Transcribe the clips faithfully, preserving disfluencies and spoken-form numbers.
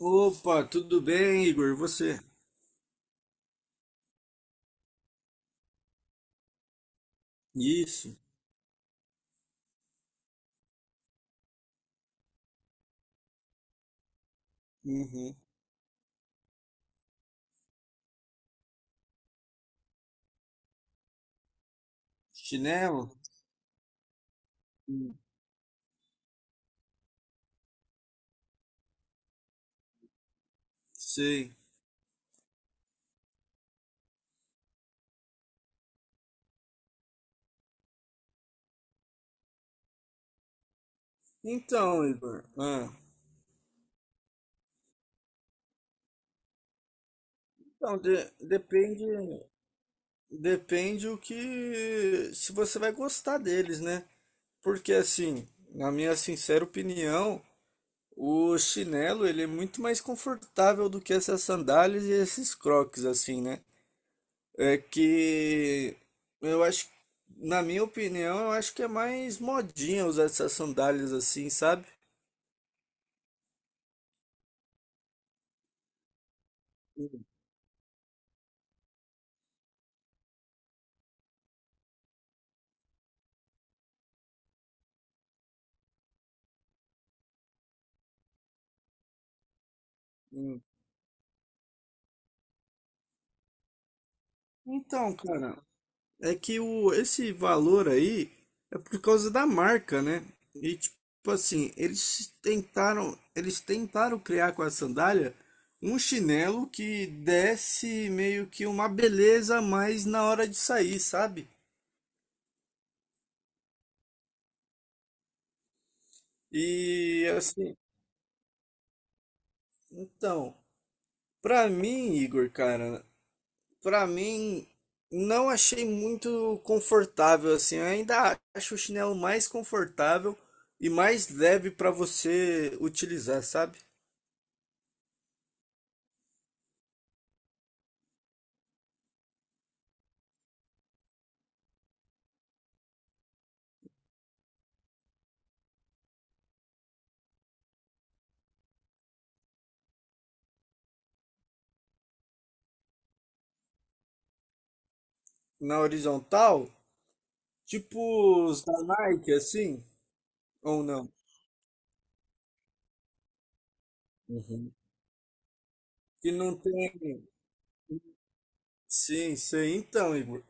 Opa, tudo bem, Igor? E você? Isso. Uhum. Chinelo? Hum. Sei. Então, Igor. Ah. Então, de- depende, depende o que, se você vai gostar deles, né? Porque assim, na minha sincera opinião, o chinelo ele é muito mais confortável do que essas sandálias e esses crocs, assim, né? É que eu acho, na minha opinião, eu acho que é mais modinha usar essas sandálias assim, sabe? Hum. Então, cara, é que o, esse valor aí é por causa da marca, né? E tipo assim, eles tentaram, eles tentaram criar com a sandália um chinelo que desse meio que uma beleza a mais na hora de sair, sabe? E assim, então, pra mim, Igor, cara, pra mim, não achei muito confortável assim. Eu ainda acho o chinelo mais confortável e mais leve pra você utilizar, sabe? Na horizontal, tipo os da Nike, assim, ou não? Uhum. Que não tem. Sim, sei. Então, Igor,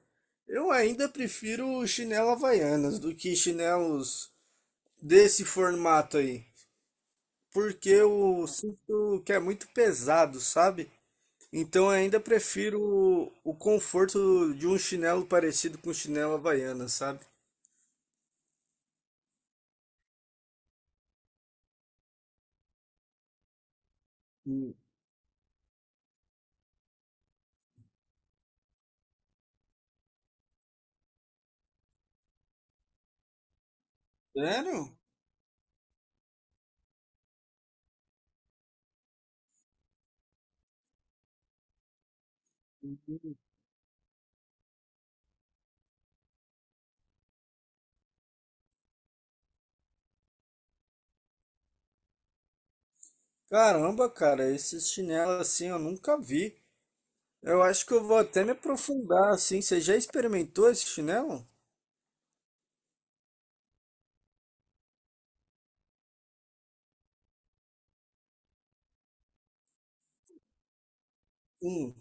eu ainda prefiro chinelo Havaianas do que chinelos desse formato aí. Porque eu sinto que é muito pesado, sabe? Então eu ainda prefiro o, o conforto de um chinelo parecido com chinelo Havaiana, sabe? Hum. Sério? Caramba, cara, esses chinelos assim eu nunca vi. Eu acho que eu vou até me aprofundar assim. Você já experimentou esse chinelo? Hum,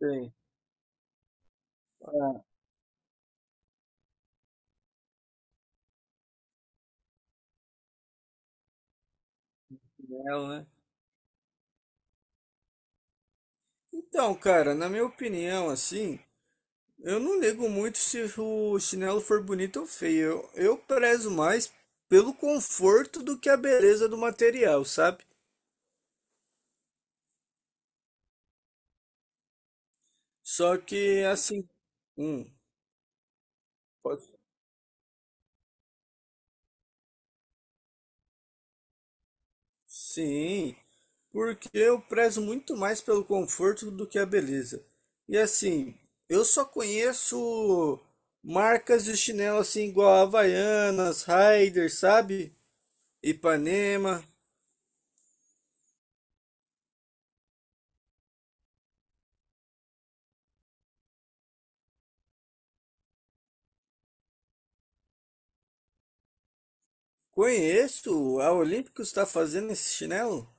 tem. Ah, chinelo, né? Então, cara, na minha opinião, assim, eu não ligo muito se o chinelo for bonito ou feio. Eu, eu prezo mais pelo conforto do que a beleza do material, sabe? Só que assim, hum, pode, sim, porque eu prezo muito mais pelo conforto do que a beleza. E assim, eu só conheço marcas de chinelo assim igual Havaianas, Rider, sabe? Ipanema. Conheço, a Olímpicos está fazendo esse chinelo?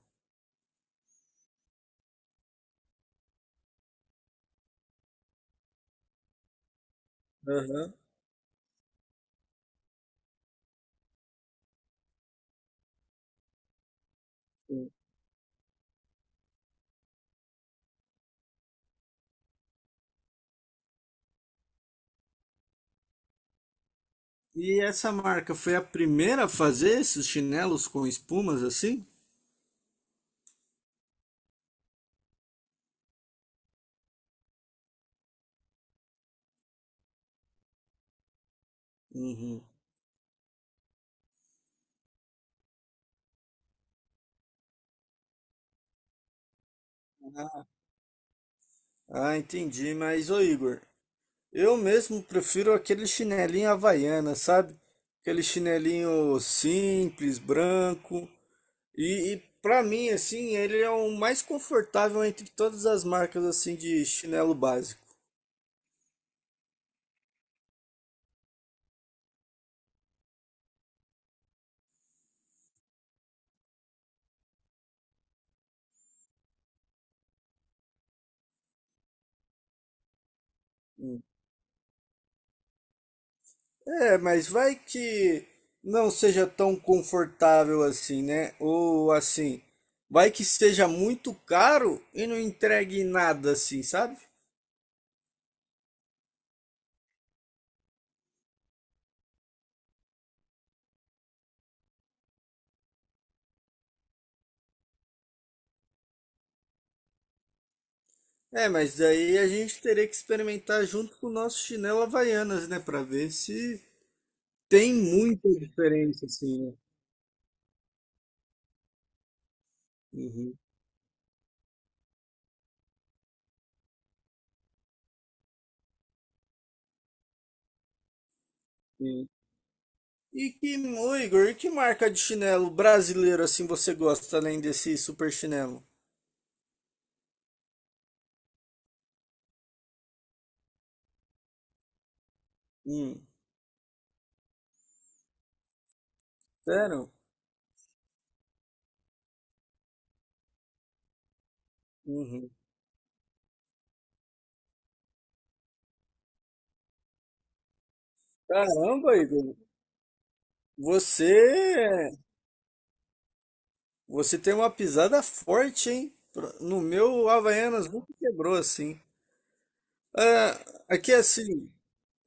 Aham. E essa marca foi a primeira a fazer esses chinelos com espumas assim? Uhum. Ah, entendi. Mas, ô Igor, eu mesmo prefiro aquele chinelinho havaiana, sabe? Aquele chinelinho simples, branco. E, e para mim, assim, ele é o mais confortável entre todas as marcas assim de chinelo básico. É, mas vai que não seja tão confortável assim, né? Ou assim, vai que seja muito caro e não entregue nada assim, sabe? É, mas daí a gente teria que experimentar junto com o nosso chinelo Havaianas, né? Pra ver se tem muita diferença, assim, né? Uhum, sim. E que, ô Igor, e que marca de chinelo brasileiro assim você gosta, além desse super chinelo? Hum, sério? Uhum. Caramba, Igor, você, é, você tem uma pisada forte, hein? Pro- No meu Havaianas nunca quebrou assim. Ah, aqui assim,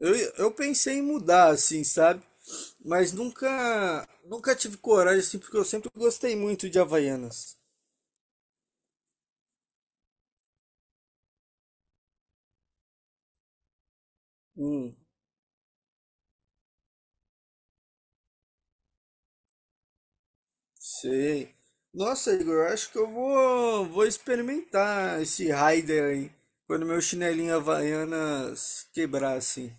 eu, eu pensei em mudar assim, sabe? Mas nunca, nunca tive coragem assim, porque eu sempre gostei muito de Havaianas. Hum. Sei. Nossa, Igor, eu acho que eu vou, vou experimentar esse Raider aí. Quando meu chinelinho Havaianas quebrar, assim.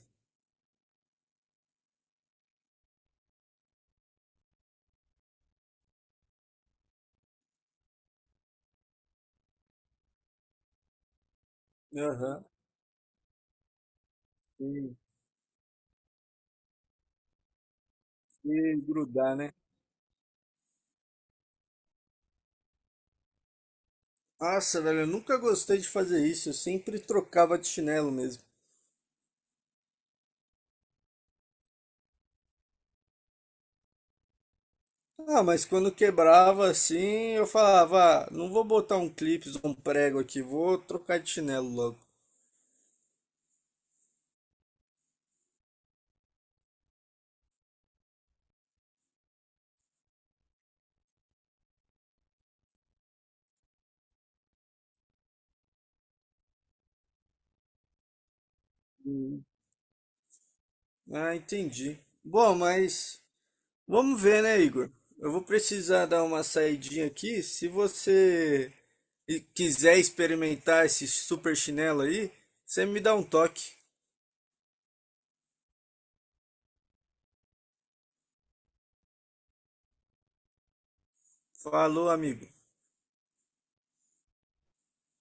Aham. E, e grudar, né? Nossa, velho, eu nunca gostei de fazer isso. Eu sempre trocava de chinelo mesmo. Ah, mas quando quebrava assim, eu falava, ah, não vou botar um clipe, um prego aqui, vou trocar de chinelo logo. Ah, entendi. Bom, mas. Vamos ver, né, Igor? Eu vou precisar dar uma saidinha aqui. Se você e- quiser experimentar esse super chinelo aí, você me dá um toque. Falou, amigo.